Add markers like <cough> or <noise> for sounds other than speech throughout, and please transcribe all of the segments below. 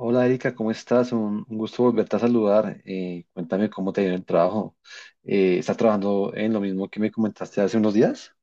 Hola Erika, ¿cómo estás? Un gusto volverte a saludar. Cuéntame cómo te ha ido el trabajo. ¿Estás trabajando en lo mismo que me comentaste hace unos días?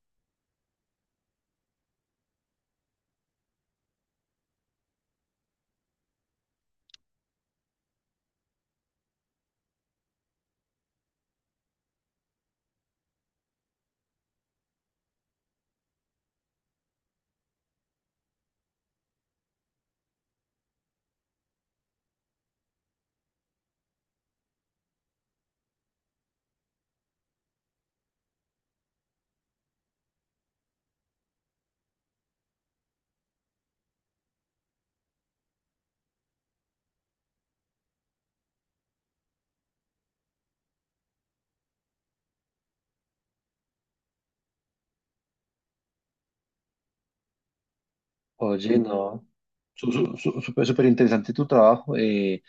Oye, no. Súper súper interesante tu trabajo.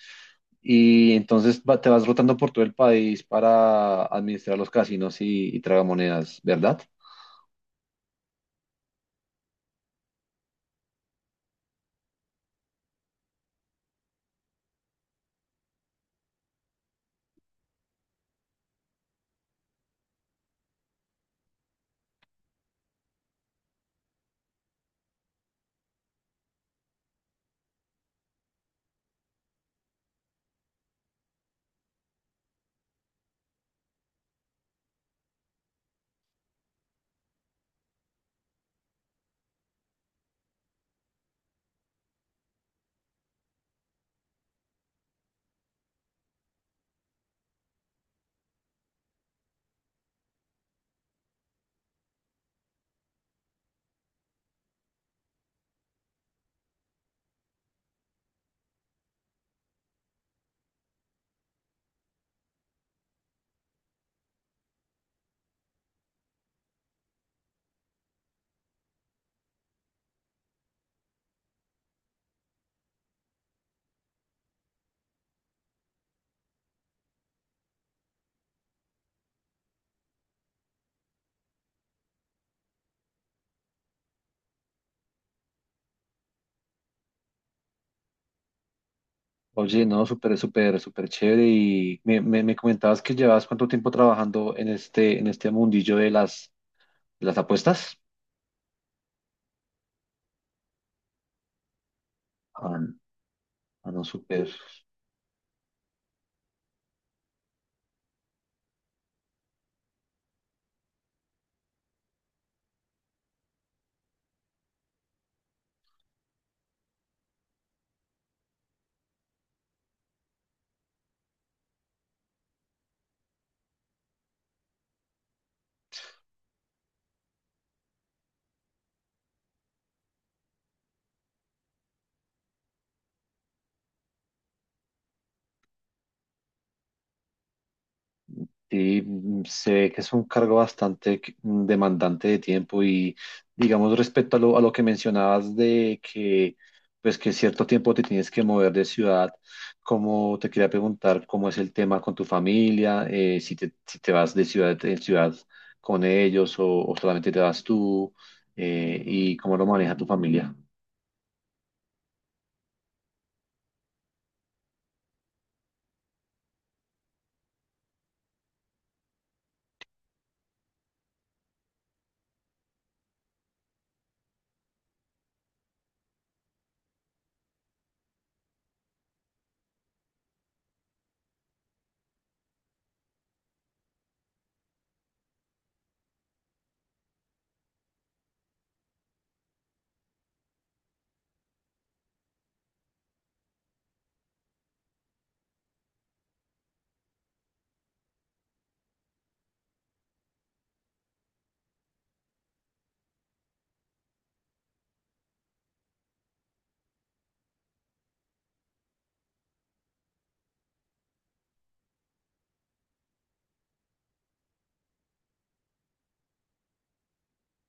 Y entonces te vas rotando por todo el país para administrar los casinos y tragamonedas, ¿verdad? Oye, no, súper, súper, súper chévere. Y me comentabas que llevas cuánto tiempo trabajando en en este mundillo de de las apuestas. Ah, no, súper. Sí, se ve que es un cargo bastante demandante de tiempo y digamos respecto a a lo que mencionabas de que pues que cierto tiempo te tienes que mover de ciudad, como te quería preguntar cómo es el tema con tu familia, si te vas de ciudad en ciudad con ellos o solamente te vas tú, y cómo lo maneja tu familia.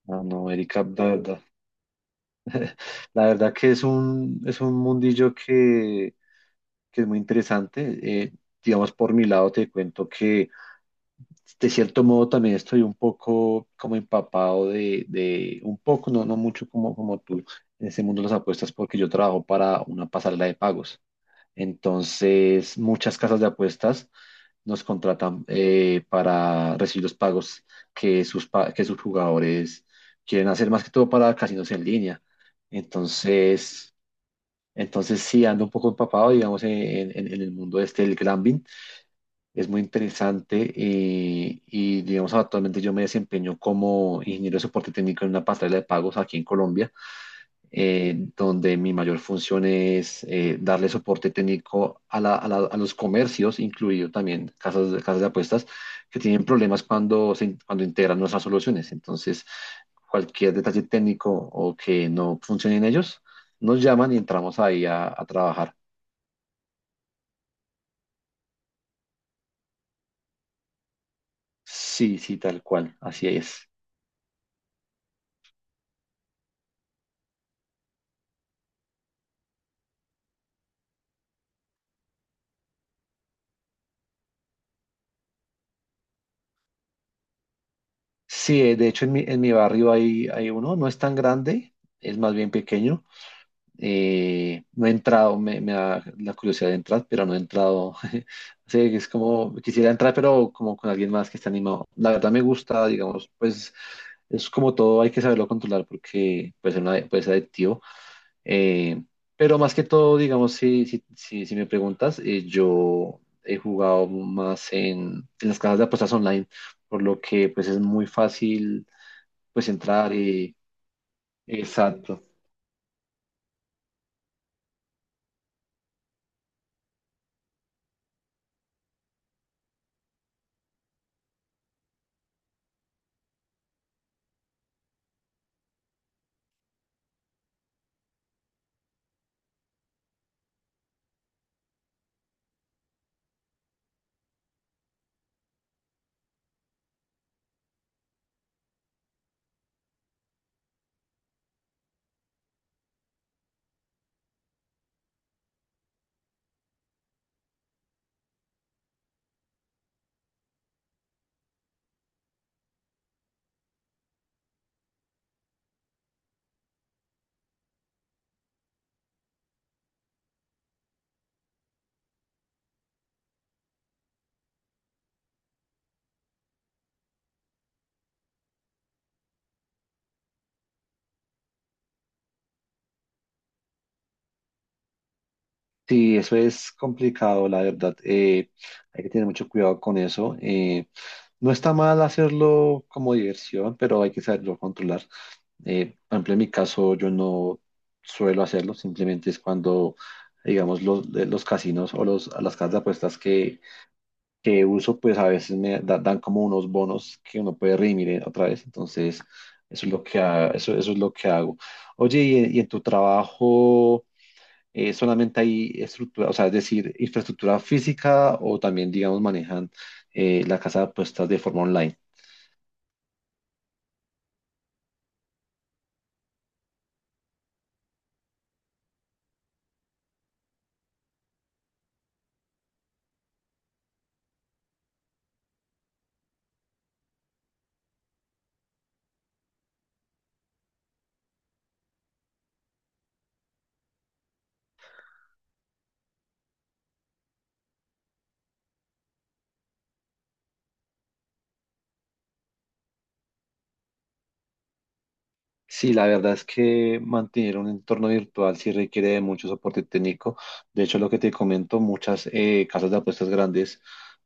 Ah, no, Erika, la verdad que es es un mundillo que es muy interesante. Digamos, por mi lado te cuento que de cierto modo también estoy un poco como empapado de un poco, no, no mucho como, como tú, en ese mundo de las apuestas porque yo trabajo para una pasarela de pagos. Entonces, muchas casas de apuestas nos contratan, para recibir los pagos que que sus jugadores quieren hacer, más que todo para casinos en línea. Entonces, entonces sí, ando un poco empapado, digamos, en el mundo este del gambling. Es muy interesante, y, digamos, actualmente yo me desempeño como ingeniero de soporte técnico en una pasarela de pagos aquí en Colombia, donde mi mayor función es, darle soporte técnico a los comercios, incluido también casas de apuestas, que tienen problemas cuando integran nuestras soluciones. Entonces, cualquier detalle técnico o que no funcione en ellos, nos llaman y entramos ahí a trabajar. Sí, sí, tal cual, así es. Sí, de hecho en en mi barrio hay uno, no es tan grande, es más bien pequeño. No he entrado, me da la curiosidad de entrar, pero no he entrado. <laughs> Sí, es como, quisiera entrar, pero como con alguien más que esté animado. La verdad me gusta, digamos, pues es como todo, hay que saberlo controlar porque puede ser adictivo. Eh, pero más que todo, digamos, si me preguntas, yo he jugado más en las casas de apuestas online, por lo que pues es muy fácil pues entrar y... Exacto. Sí, eso es complicado, la verdad. Hay que tener mucho cuidado con eso. No está mal hacerlo como diversión, pero hay que saberlo controlar. Por ejemplo, en mi caso, yo no suelo hacerlo, simplemente es cuando, digamos, los casinos o las casas de apuestas que uso, pues a veces dan como unos bonos que uno puede redimir, otra vez. Entonces, eso es eso es lo que hago. Oye, y en tu trabajo, solamente hay estructura, o sea, es decir, infraestructura física o también, digamos, manejan, la casa de apuestas de forma online. Sí, la verdad es que mantener un entorno virtual sí requiere de mucho soporte técnico. De hecho, lo que te comento, muchas, casas de apuestas grandes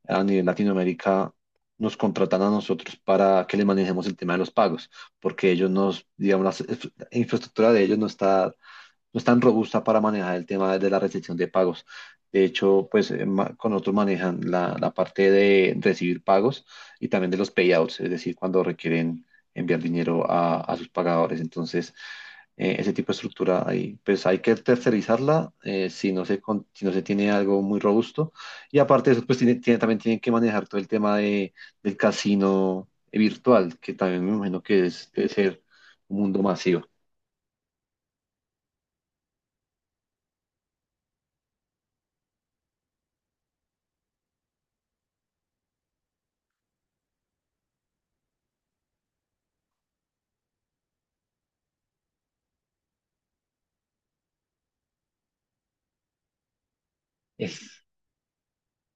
a nivel Latinoamérica nos contratan a nosotros para que les manejemos el tema de los pagos, porque ellos nos, digamos, infraestructura de ellos no está, no es tan robusta para manejar el tema de la recepción de pagos. De hecho, pues, con otros manejan la parte de recibir pagos y también de los payouts, es decir, cuando requieren enviar dinero a sus pagadores. Entonces, ese tipo de estructura ahí, pues hay que tercerizarla, si no se, si no se tiene algo muy robusto. Y aparte de eso, pues también tienen que manejar todo el tema de, del casino virtual, que también me imagino que es, debe ser un mundo masivo.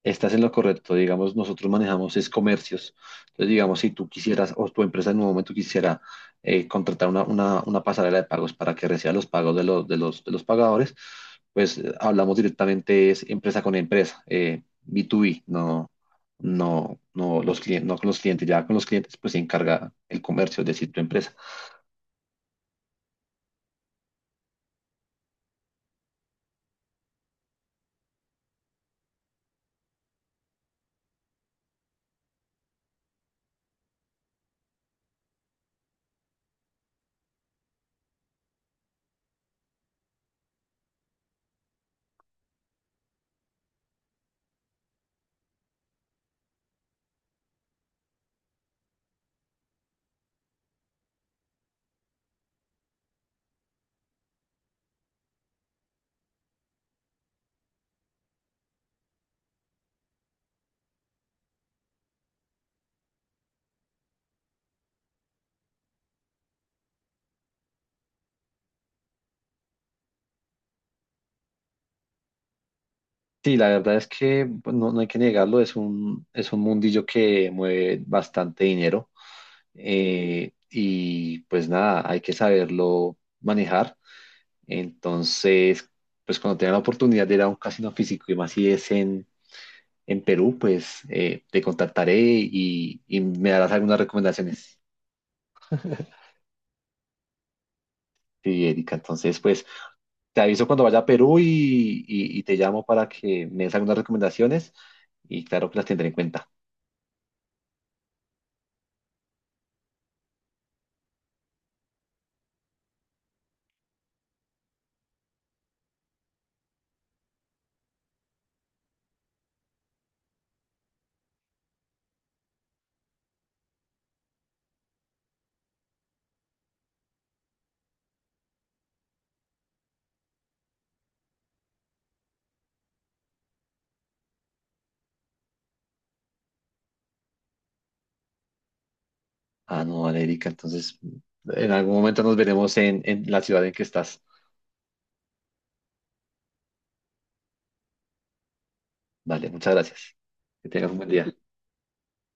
Estás en lo correcto. Digamos, nosotros manejamos es comercios. Entonces, digamos, si tú quisieras o tu empresa en un momento quisiera, contratar una pasarela de pagos para que reciba los pagos de los pagadores, pues, hablamos directamente es empresa con empresa, B2B, no, no, no, los clientes, no con los clientes. Ya con los clientes, pues se encarga el comercio, es decir, tu empresa. Sí, la verdad es que pues, no, no hay que negarlo, es es un mundillo que mueve bastante dinero. Y pues nada, hay que saberlo manejar. Entonces, pues cuando tenga la oportunidad de ir a un casino físico y más si es en Perú, pues, te contactaré y me darás algunas recomendaciones. <laughs> Sí, Erika, entonces pues te aviso cuando vaya a Perú y te llamo para que me des algunas recomendaciones y claro que las tendré en cuenta. Ah, no, vale, Erika, entonces en algún momento nos veremos en la ciudad en que estás. Vale, muchas gracias. Que tengas un buen día.